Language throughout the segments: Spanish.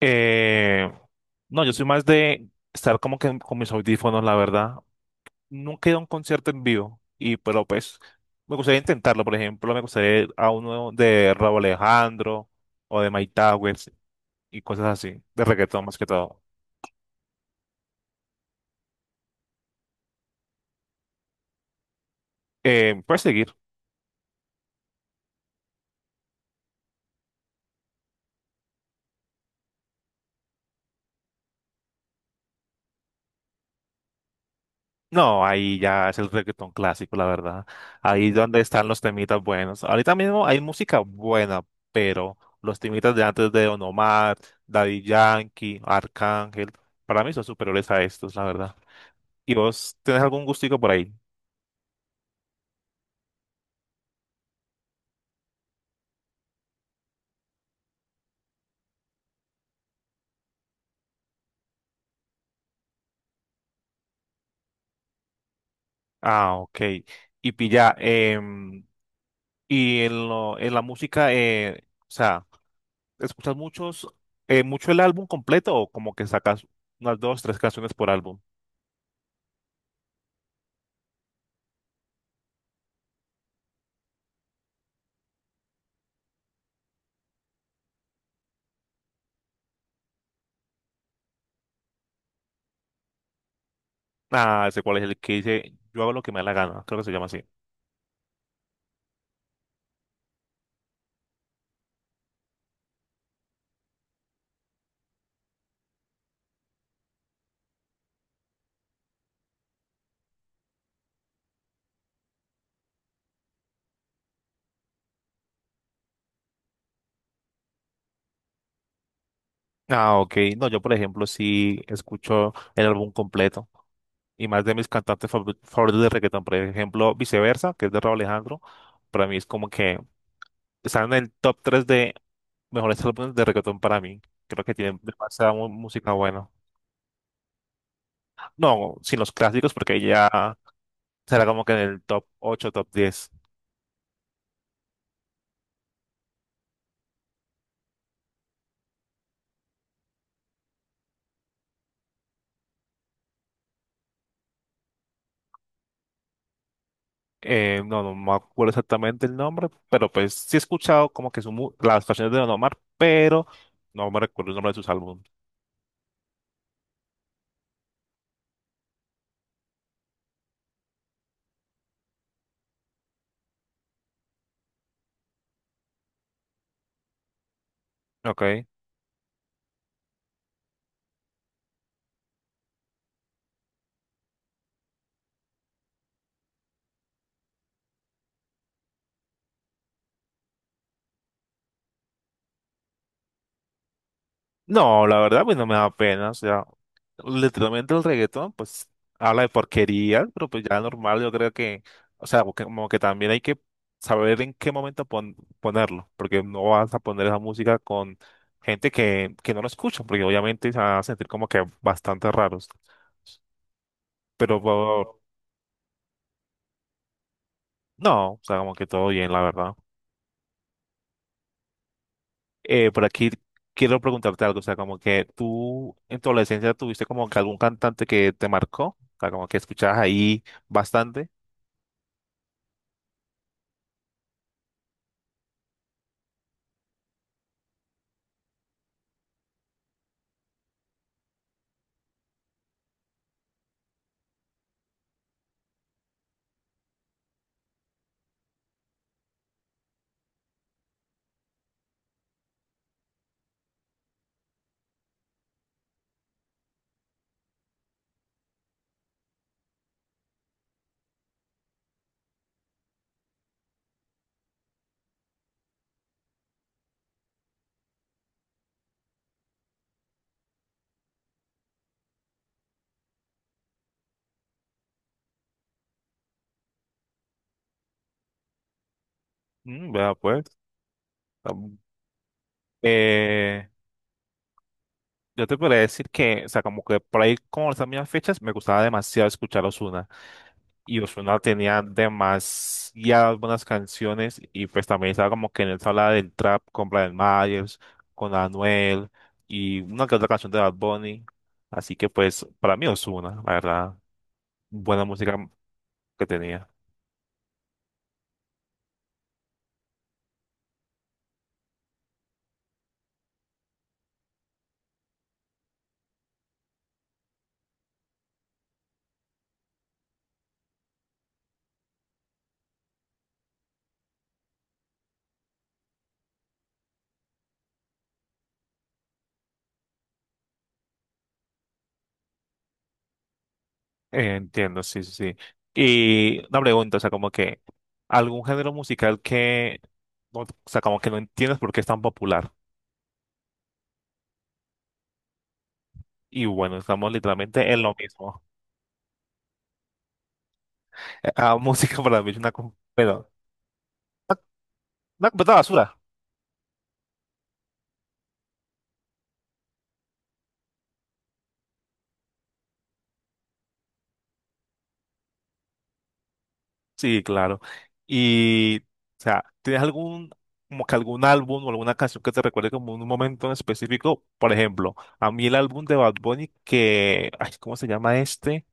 Eh, no, yo soy más de estar como que con mis audífonos, la verdad. Nunca he ido a un concierto en vivo, y pero pues me gustaría intentarlo, por ejemplo, me gustaría ir a uno de Rauw Alejandro o de Mike Towers y cosas así, de reggaetón más que todo. Puedes seguir. No, ahí ya es el reggaetón clásico, la verdad. Ahí es donde están los temitas buenos. Ahorita mismo hay música buena, pero los temitas de antes de Don Omar, Daddy Yankee, Arcángel, para mí son superiores a estos, la verdad. ¿Y vos tenés algún gustico por ahí? Ah, ok. Y pilla, y en la música, o sea, ¿escuchas muchos, mucho el álbum completo o como que sacas unas dos, tres canciones por álbum? Ah, sé cuál es el que dice, yo hago lo que me da la gana, creo que se llama así. Ah, ok. No, yo por ejemplo sí escucho el álbum completo y más de mis favoritos de reggaetón, por ejemplo, Viceversa, que es de Rauw Alejandro, para mí es como que están en el top 3 de mejores álbumes de reggaetón para mí. Creo que tienen demasiada música buena. No, sin los clásicos porque ya será como que en el top 8, top 10. No, no me acuerdo exactamente el nombre, pero pues sí he escuchado como que las canciones de Don Omar, pero no me recuerdo el nombre de sus álbumes. Ok. No, la verdad, pues no me da pena. O sea, literalmente el reggaetón, pues habla de porquerías, pero pues ya normal, yo creo que, o sea, como que también hay que saber en qué momento ponerlo, porque no vas a poner esa música con que no lo escucha, porque obviamente se van a sentir como que bastante raros. Pero no, o sea, como que todo bien, la verdad. Por aquí quiero preguntarte algo, o sea, como que tú en tu adolescencia tuviste como que algún cantante que te marcó, o sea, como que escuchabas ahí bastante. Mm, vea pues. Am- Eh, yo te podría decir que, o sea, como que por ahí como las mismas fechas me gustaba demasiado escuchar Ozuna. Y Ozuna tenía demasiadas buenas canciones y pues también estaba como que en esa habla del trap con Brian Myers, con Anuel y una que otra canción de Bad Bunny. Así que pues para mí Ozuna, la verdad, buena música que tenía. Entiendo, sí, sí, sí. Y una pregunta, o sea, como que algún género musical que, o sea, como que no entiendes por qué es tan popular. Y bueno, estamos literalmente en lo mismo. Música para mí es una, pero, una, una completa basura. Sí, claro. O sea, ¿tienes algún, como que algún álbum o alguna canción que te recuerde como un momento en específico? Por ejemplo, a mí el álbum de Bad Bunny que, ay, ¿cómo se llama este?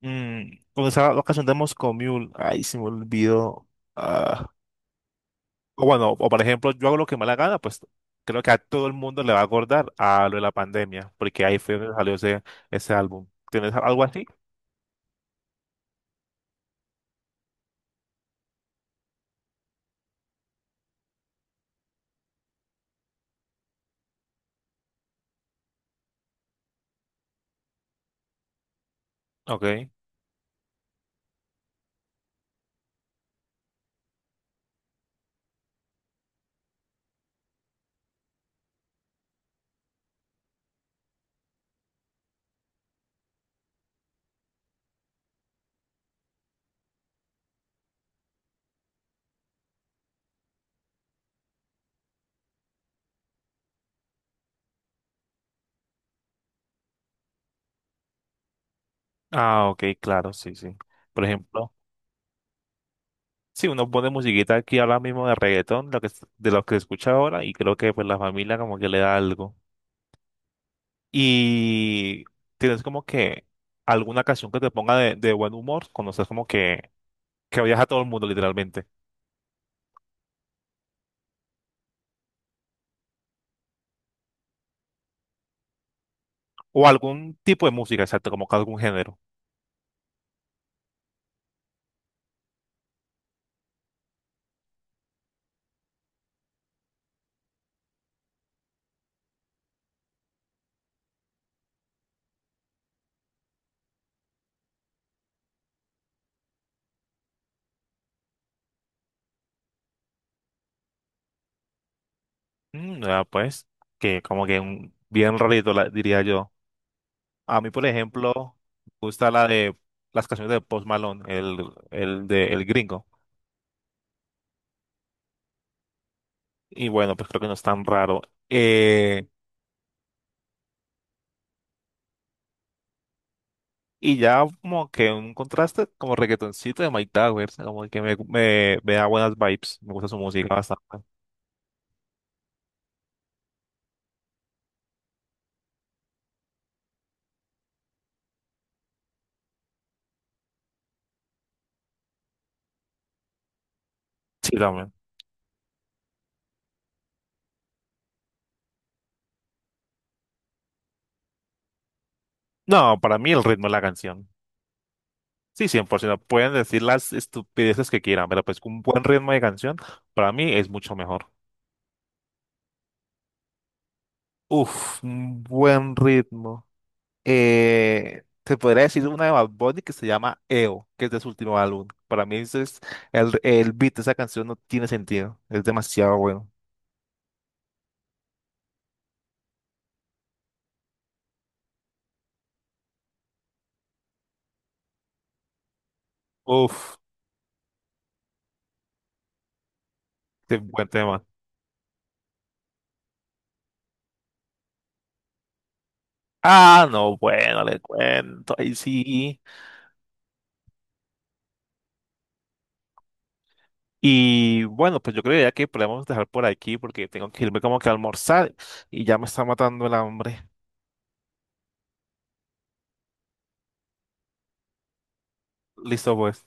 Mm, con esa la canción de Moscow Mule, ay, se me olvidó. Ah, o bueno, o por ejemplo, yo hago lo que me da la gana, pues creo que a todo el mundo le va a acordar a lo de la pandemia, porque ahí fue donde ese álbum. ¿Tienes algo así? Ok. Ah, ok, claro, sí, sí. Por ejemplo. Sí, uno pone musiquita aquí ahora mismo de reggaetón, de lo que escucha ahora, y creo que pues la familia como que le da algo. Y tienes como que alguna canción que te ponga de buen humor, cuando estás como que odias a todo el mundo literalmente. O algún tipo de música, exacto, como que algún género. Mm, ya, pues, que como que un, bien rarito, diría yo. A mí, por ejemplo, me gusta la de las canciones de Post Malone, el de El Gringo. Y bueno, pues creo que no es tan raro. Eh, Y ya como que un contraste como reggaetoncito de Mike Towers, como que me da buenas vibes, me gusta su música bastante. Sí, también. No, para mí el ritmo de la canción. Sí, cien por ciento. Pueden decir las estupideces que quieran, pero pues un buen ritmo de canción para mí es mucho mejor. Uf, un buen ritmo. Te podría decir una de Bad Bunny que se llama EO, que es de su último álbum. Para mí ese es el beat de esa canción no tiene sentido, es demasiado bueno. Uf, qué buen tema. Ah, no, bueno, le cuento, ahí sí. Y bueno, pues yo creo ya que podemos dejar por aquí porque tengo que irme como que a almorzar y ya me está matando el hambre. Listo, pues.